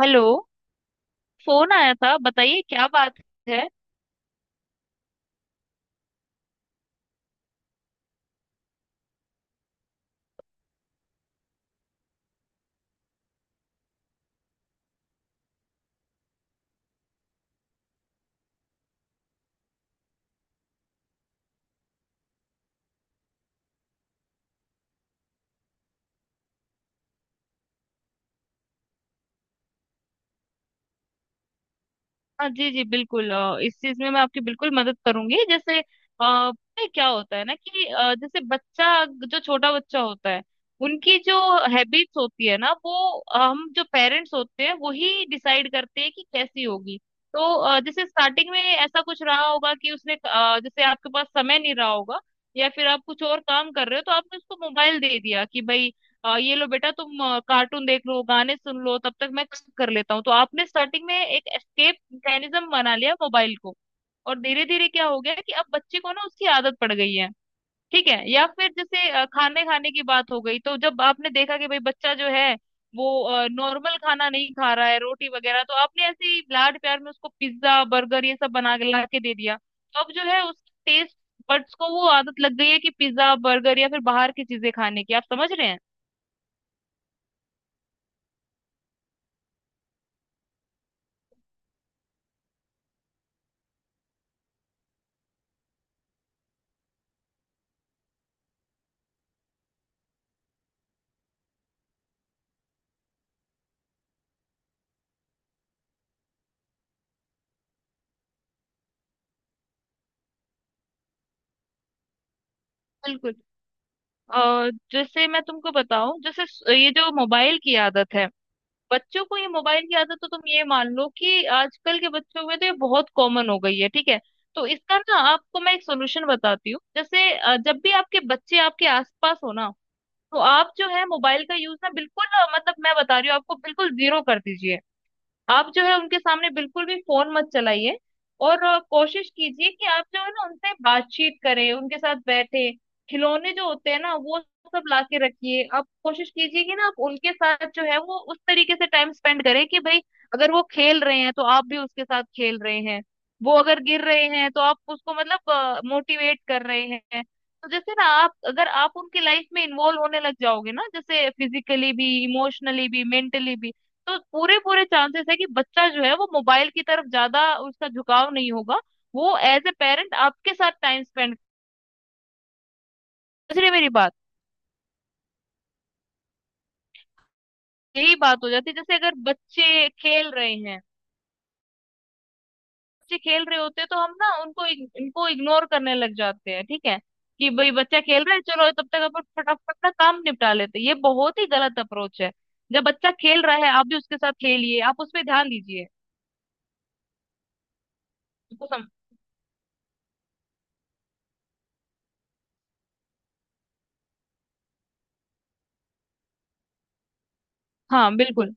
Hello. Phone आया था, बताइए क्या बात है। हाँ जी जी, बिल्कुल इस चीज में मैं आपकी बिल्कुल मदद करूंगी। जैसे पता है क्या होता है ना कि जैसे बच्चा जो छोटा बच्चा होता है, उनकी जो हैबिट्स होती है ना, वो हम जो पेरेंट्स होते हैं वही डिसाइड करते हैं कि कैसी होगी। तो जैसे स्टार्टिंग में ऐसा कुछ रहा होगा कि उसने जैसे आपके पास समय नहीं रहा होगा, या फिर आप कुछ और काम कर रहे हो तो आपने उसको मोबाइल दे दिया कि भाई ये लो बेटा, तुम कार्टून देख लो, गाने सुन लो, तब तक मैं काम कर लेता हूँ। तो आपने स्टार्टिंग में एक एस्केप मैकेनिज्म बना लिया मोबाइल को। और धीरे धीरे क्या हो गया कि अब बच्चे को ना उसकी आदत पड़ गई है। ठीक है। या फिर जैसे खाने खाने की बात हो गई, तो जब आपने देखा कि भाई बच्चा जो है वो नॉर्मल खाना नहीं खा रहा है, रोटी वगैरह, तो आपने ऐसे ही लाड प्यार में उसको पिज्जा बर्गर ये सब बना के ला के दे दिया, तो अब जो है उसका टेस्ट बड्स को वो आदत लग गई है कि पिज्जा बर्गर या फिर बाहर की चीजें खाने की। आप समझ रहे हैं? बिल्कुल। जैसे मैं तुमको बताऊं, जैसे ये जो मोबाइल की आदत है बच्चों को, ये मोबाइल की आदत तो तुम ये मान लो कि आजकल के बच्चों में तो ये बहुत कॉमन हो गई है। ठीक है। तो इसका ना आपको मैं एक सोल्यूशन बताती हूँ। जैसे जब भी आपके बच्चे आपके आसपास हो ना, तो आप जो है मोबाइल का यूज ना बिल्कुल, मतलब मैं बता रही हूँ आपको, बिल्कुल जीरो कर दीजिए। आप जो है उनके सामने बिल्कुल भी फोन मत चलाइए। और कोशिश कीजिए कि आप जो है ना उनसे बातचीत करें, उनके साथ बैठे। खिलौने जो होते हैं ना, वो सब लाके रखिए। आप कोशिश कीजिए कि ना आप उनके साथ जो है वो उस तरीके से टाइम स्पेंड करें कि भाई अगर वो खेल रहे हैं तो आप भी उसके साथ खेल रहे हैं, वो अगर गिर रहे हैं तो आप उसको मतलब मोटिवेट कर रहे हैं। तो जैसे ना आप अगर आप उनकी लाइफ में इन्वॉल्व होने लग जाओगे ना, जैसे फिजिकली भी, इमोशनली भी, मेंटली भी, तो पूरे पूरे चांसेस है कि बच्चा जो है वो मोबाइल की तरफ ज्यादा, उसका झुकाव नहीं होगा। वो एज ए पेरेंट आपके साथ टाइम स्पेंड, इसलिए मेरी बात यही बात हो जाती है। जैसे अगर बच्चे खेल रहे होते हैं तो हम ना उनको इनको इग्नोर करने लग जाते हैं। ठीक है, कि भाई बच्चा खेल रहा है, चलो तब तक अपन फटाफट ना काम निपटा लेते हैं। ये बहुत ही गलत अप्रोच है। जब बच्चा खेल रहा है, आप भी उसके साथ खेलिए, आप उस पर ध्यान दीजिए। उसको सम... हाँ, बिल्कुल।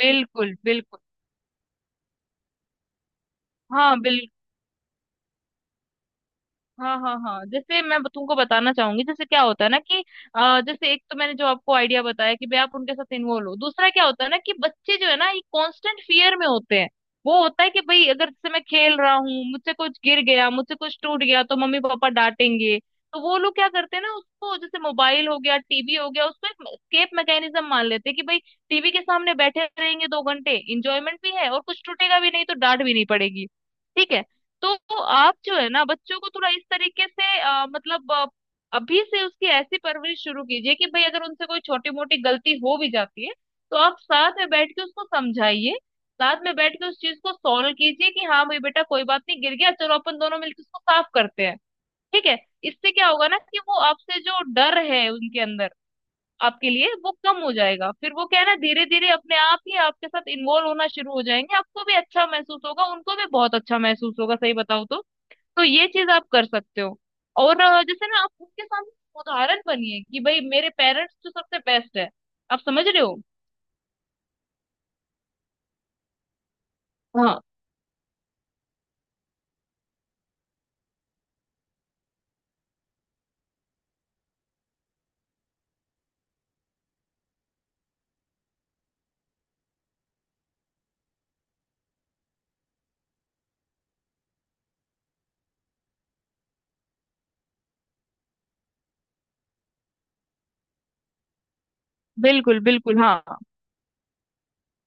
बिल्कुल बिल्कुल। हाँ बिल्कुल। हाँ हाँ हाँ, जैसे मैं तुमको बताना चाहूंगी, जैसे क्या होता है ना कि जैसे एक तो मैंने जो आपको आइडिया बताया कि भाई आप उनके साथ इन्वॉल्व हो, दूसरा क्या होता है ना कि बच्चे जो है ना ये कांस्टेंट फियर में होते हैं। वो होता है कि भाई अगर जैसे मैं खेल रहा हूँ, मुझसे कुछ गिर गया, मुझसे कुछ टूट गया, तो मम्मी पापा डांटेंगे। तो वो लोग क्या करते हैं ना, उसको जैसे मोबाइल हो गया, टीवी हो गया, उसको एक स्केप मैकेनिज्म मान लेते हैं कि भाई टीवी के सामने बैठे रहेंगे 2 घंटे, इंजॉयमेंट भी है और कुछ टूटेगा भी नहीं, तो डांट भी नहीं पड़ेगी। ठीक है। तो आप जो है ना बच्चों को थोड़ा इस तरीके से, मतलब अभी से उसकी ऐसी परवरिश शुरू कीजिए कि भाई अगर उनसे कोई छोटी मोटी गलती हो भी जाती है, तो आप साथ में बैठ के उसको समझाइए, साथ में बैठ के उस चीज को सॉल्व कीजिए कि हाँ भाई बेटा कोई बात नहीं, गिर गया, चलो अपन दोनों मिलकर उसको साफ करते हैं। ठीक है। इससे क्या होगा ना कि वो आपसे जो डर है उनके अंदर, आपके लिए वो कम हो जाएगा। फिर वो क्या है ना, धीरे धीरे अपने आप ही आपके साथ इन्वॉल्व होना शुरू हो जाएंगे, आपको भी अच्छा महसूस होगा, उनको भी बहुत अच्छा महसूस होगा। सही बताओ? तो ये चीज आप कर सकते हो। और जैसे ना आप उनके सामने उदाहरण बनिए कि भाई मेरे पेरेंट्स तो सबसे बेस्ट है। आप समझ रहे हो? हाँ बिल्कुल बिल्कुल। हाँ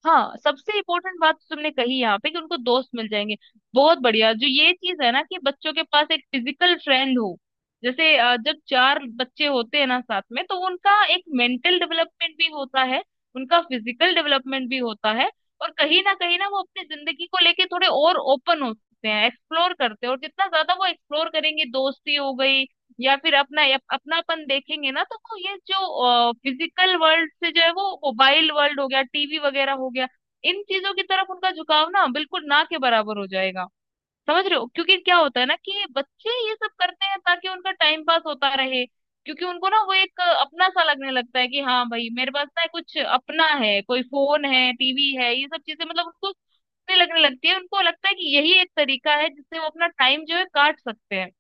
हाँ, सबसे इम्पोर्टेंट बात तो तुमने कही यहाँ पे कि उनको दोस्त मिल जाएंगे। बहुत बढ़िया। जो ये चीज है ना कि बच्चों के पास एक फिजिकल फ्रेंड हो, जैसे जब चार बच्चे होते हैं ना साथ में, तो उनका एक मेंटल डेवलपमेंट भी होता है, उनका फिजिकल डेवलपमेंट भी होता है। और कहीं ना वो अपनी जिंदगी को लेके थोड़े और ओपन होते हैं, एक्सप्लोर करते हैं। और जितना ज्यादा वो एक्सप्लोर करेंगे, दोस्ती हो गई या फिर अपना अपनापन देखेंगे ना, तो वो ये जो फिजिकल वर्ल्ड से जो है वो मोबाइल वर्ल्ड हो गया, टीवी वगैरह हो गया, इन चीजों की तरफ उनका झुकाव ना बिल्कुल ना के बराबर हो जाएगा। समझ रहे हो? क्योंकि क्या होता है ना कि बच्चे ये सब करते हैं ताकि उनका टाइम पास होता रहे। क्योंकि उनको ना वो एक अपना सा लगने लगता है कि हाँ भाई मेरे पास ना कुछ अपना है, कोई फोन है, टीवी है, ये सब चीजें मतलब उनको लगने लगती है, उनको लगता है कि यही एक तरीका है जिससे वो अपना टाइम जो है काट सकते हैं।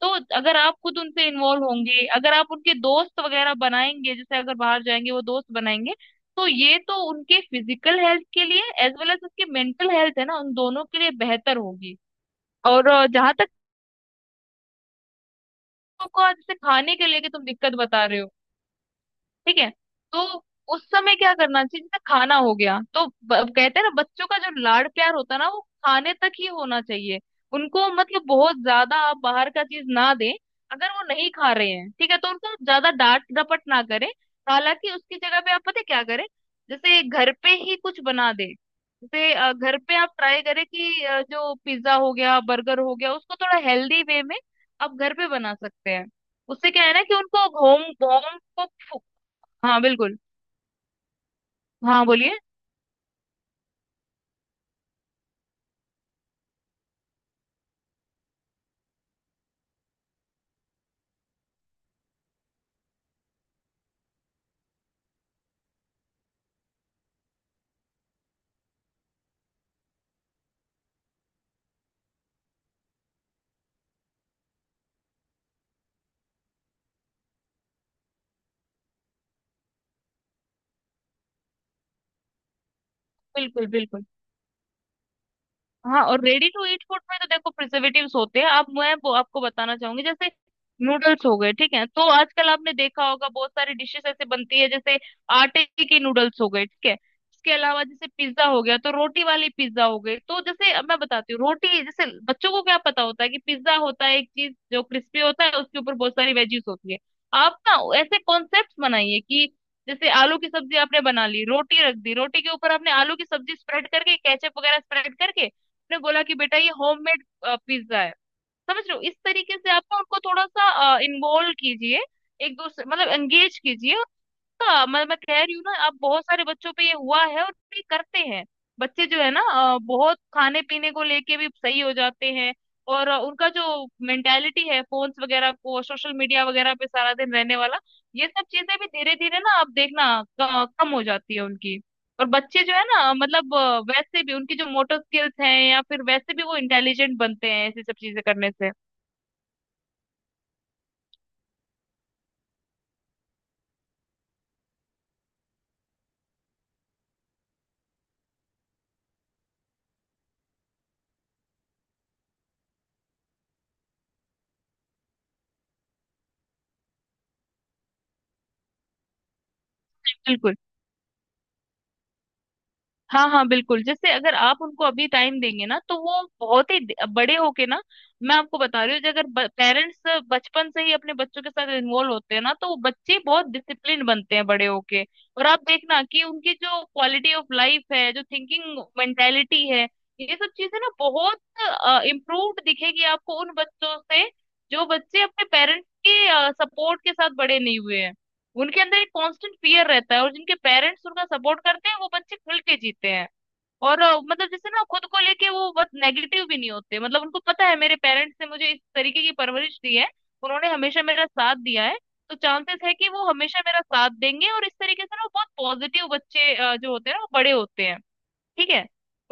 तो अगर आप खुद उनसे इन्वॉल्व होंगे, अगर आप उनके दोस्त वगैरह बनाएंगे, जैसे अगर बाहर जाएंगे वो दोस्त बनाएंगे, तो ये तो उनके फिजिकल हेल्थ के लिए एज वेल एज उसकी मेंटल हेल्थ है ना, उन दोनों के लिए बेहतर होगी। और जहाँ तक आपको जैसे खाने के लेके तुम दिक्कत बता रहे हो, ठीक है, तो उस समय क्या करना चाहिए। जैसे खाना हो गया, तो कहते हैं ना बच्चों का जो लाड़ प्यार होता है ना वो खाने तक ही होना चाहिए। उनको मतलब बहुत ज्यादा आप बाहर का चीज ना दें। अगर वो नहीं खा रहे हैं, ठीक है, तो उनको ज्यादा डांट डपट ना करें। हालांकि उसकी जगह पे आप पता है क्या करें, जैसे घर पे ही कुछ बना दें। जैसे घर पे आप ट्राई करें कि जो पिज्जा हो गया बर्गर हो गया उसको थोड़ा हेल्दी वे में आप घर पे बना सकते हैं। उससे क्या है ना कि उनको होम होम। हाँ बिल्कुल। हाँ बोलिए। बिल्कुल बिल्कुल, हाँ। और रेडी टू ईट फूड में तो देखो प्रिजर्वेटिव्स होते हैं। आप मैं वो आपको बताना चाहूंगी, जैसे नूडल्स हो गए। ठीक है, तो आजकल आपने देखा होगा बहुत सारी डिशेस ऐसे बनती है, जैसे आटे के नूडल्स हो गए। ठीक है। इसके अलावा जैसे पिज्जा हो गया, तो रोटी वाली पिज्जा हो गई। तो जैसे अब मैं बताती हूँ, रोटी, जैसे बच्चों को क्या पता होता है कि पिज्जा होता है एक चीज जो क्रिस्पी होता है, उसके ऊपर बहुत सारी वेजीज होती है। आप ना ऐसे कॉन्सेप्ट बनाइए कि जैसे आलू की सब्जी आपने बना ली, रोटी रख दी, रोटी के ऊपर आपने आलू की सब्जी स्प्रेड करके, केचप वगैरह स्प्रेड करके, आपने बोला कि बेटा ये होममेड पिज्जा है। समझ रहे हो? इस तरीके से आप ना उनको थोड़ा सा इन्वॉल्व कीजिए, एक दूसरे मतलब एंगेज कीजिए का। मैं कह रही हूँ ना, अब बहुत सारे बच्चों पे ये हुआ है और ये करते हैं। बच्चे जो है ना, बहुत खाने पीने को लेके भी सही हो जाते हैं। और उनका जो मेंटेलिटी है फोन्स वगैरह को, सोशल मीडिया वगैरह पे सारा दिन रहने वाला, ये सब चीजें भी धीरे धीरे ना आप देखना कम हो जाती है उनकी। और बच्चे जो है ना, मतलब वैसे भी उनकी जो मोटर स्किल्स हैं, या फिर वैसे भी वो इंटेलिजेंट बनते हैं ऐसी सब चीजें करने से। बिल्कुल। हाँ हाँ, बिल्कुल। जैसे अगर आप उनको अभी टाइम देंगे ना, तो वो बहुत ही बड़े होके ना, मैं आपको बता रही हूँ, जो अगर पेरेंट्स बचपन से ही अपने बच्चों के साथ इन्वॉल्व होते हैं ना, तो वो बच्चे बहुत डिसिप्लिन बनते हैं बड़े होके। और आप देखना कि उनकी जो क्वालिटी ऑफ लाइफ है, जो थिंकिंग मेंटेलिटी है, ये सब चीजें ना बहुत इम्प्रूव्ड दिखेगी आपको उन बच्चों से जो बच्चे अपने पेरेंट्स के सपोर्ट के साथ बड़े नहीं हुए हैं। उनके अंदर एक कांस्टेंट फियर रहता है। और जिनके पेरेंट्स उनका सपोर्ट करते हैं, वो बच्चे खुल के जीते हैं। और मतलब जैसे ना खुद को लेके वो बहुत नेगेटिव भी नहीं होते, मतलब उनको पता है मेरे पेरेंट्स ने मुझे इस तरीके की परवरिश दी है, उन्होंने हमेशा मेरा साथ दिया है, तो चांसेस है कि वो हमेशा मेरा साथ देंगे। और इस तरीके से ना वो बहुत पॉजिटिव बच्चे जो होते हैं ना वो बड़े होते हैं। ठीक है।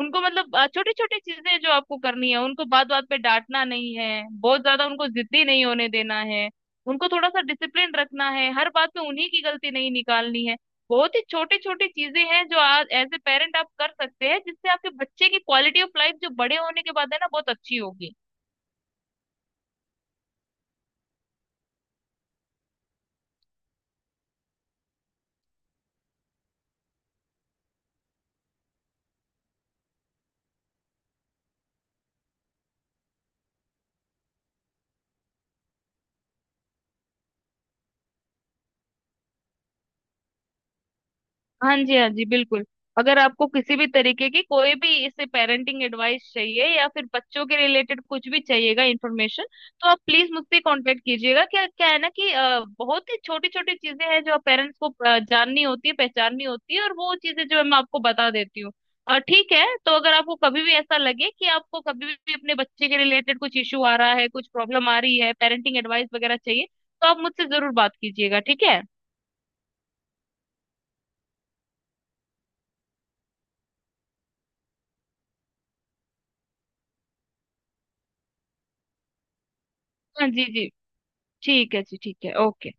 उनको मतलब छोटी छोटी चीजें जो आपको करनी है, उनको बात बात पे डांटना नहीं है, बहुत ज्यादा उनको जिद्दी नहीं होने देना है, उनको थोड़ा सा डिसिप्लिन रखना है, हर बात में उन्हीं की गलती नहीं निकालनी है। बहुत ही छोटी छोटी चीजें हैं जो आज एज ए पेरेंट आप कर सकते हैं, जिससे आपके बच्चे की क्वालिटी ऑफ लाइफ जो बड़े होने के बाद है ना, बहुत अच्छी होगी। हाँ जी हाँ जी, बिल्कुल। अगर आपको किसी भी तरीके की कोई भी इससे पेरेंटिंग एडवाइस चाहिए, या फिर बच्चों के रिलेटेड कुछ भी चाहिएगा इन्फॉर्मेशन, तो आप प्लीज मुझसे कांटेक्ट कीजिएगा। क्या क्या है ना कि बहुत ही छोटी छोटी चीजें हैं जो पेरेंट्स को जाननी होती है, पहचाननी होती है, और वो चीजें जो है मैं आपको बता देती हूँ। ठीक है, तो अगर आपको कभी भी ऐसा लगे कि आपको कभी भी अपने बच्चे के रिलेटेड कुछ इशू आ रहा है, कुछ प्रॉब्लम आ रही है, पेरेंटिंग एडवाइस वगैरह चाहिए, तो आप मुझसे जरूर बात कीजिएगा। ठीक है। हाँ जी जी। ठीक है जी। ठीक है। ओके।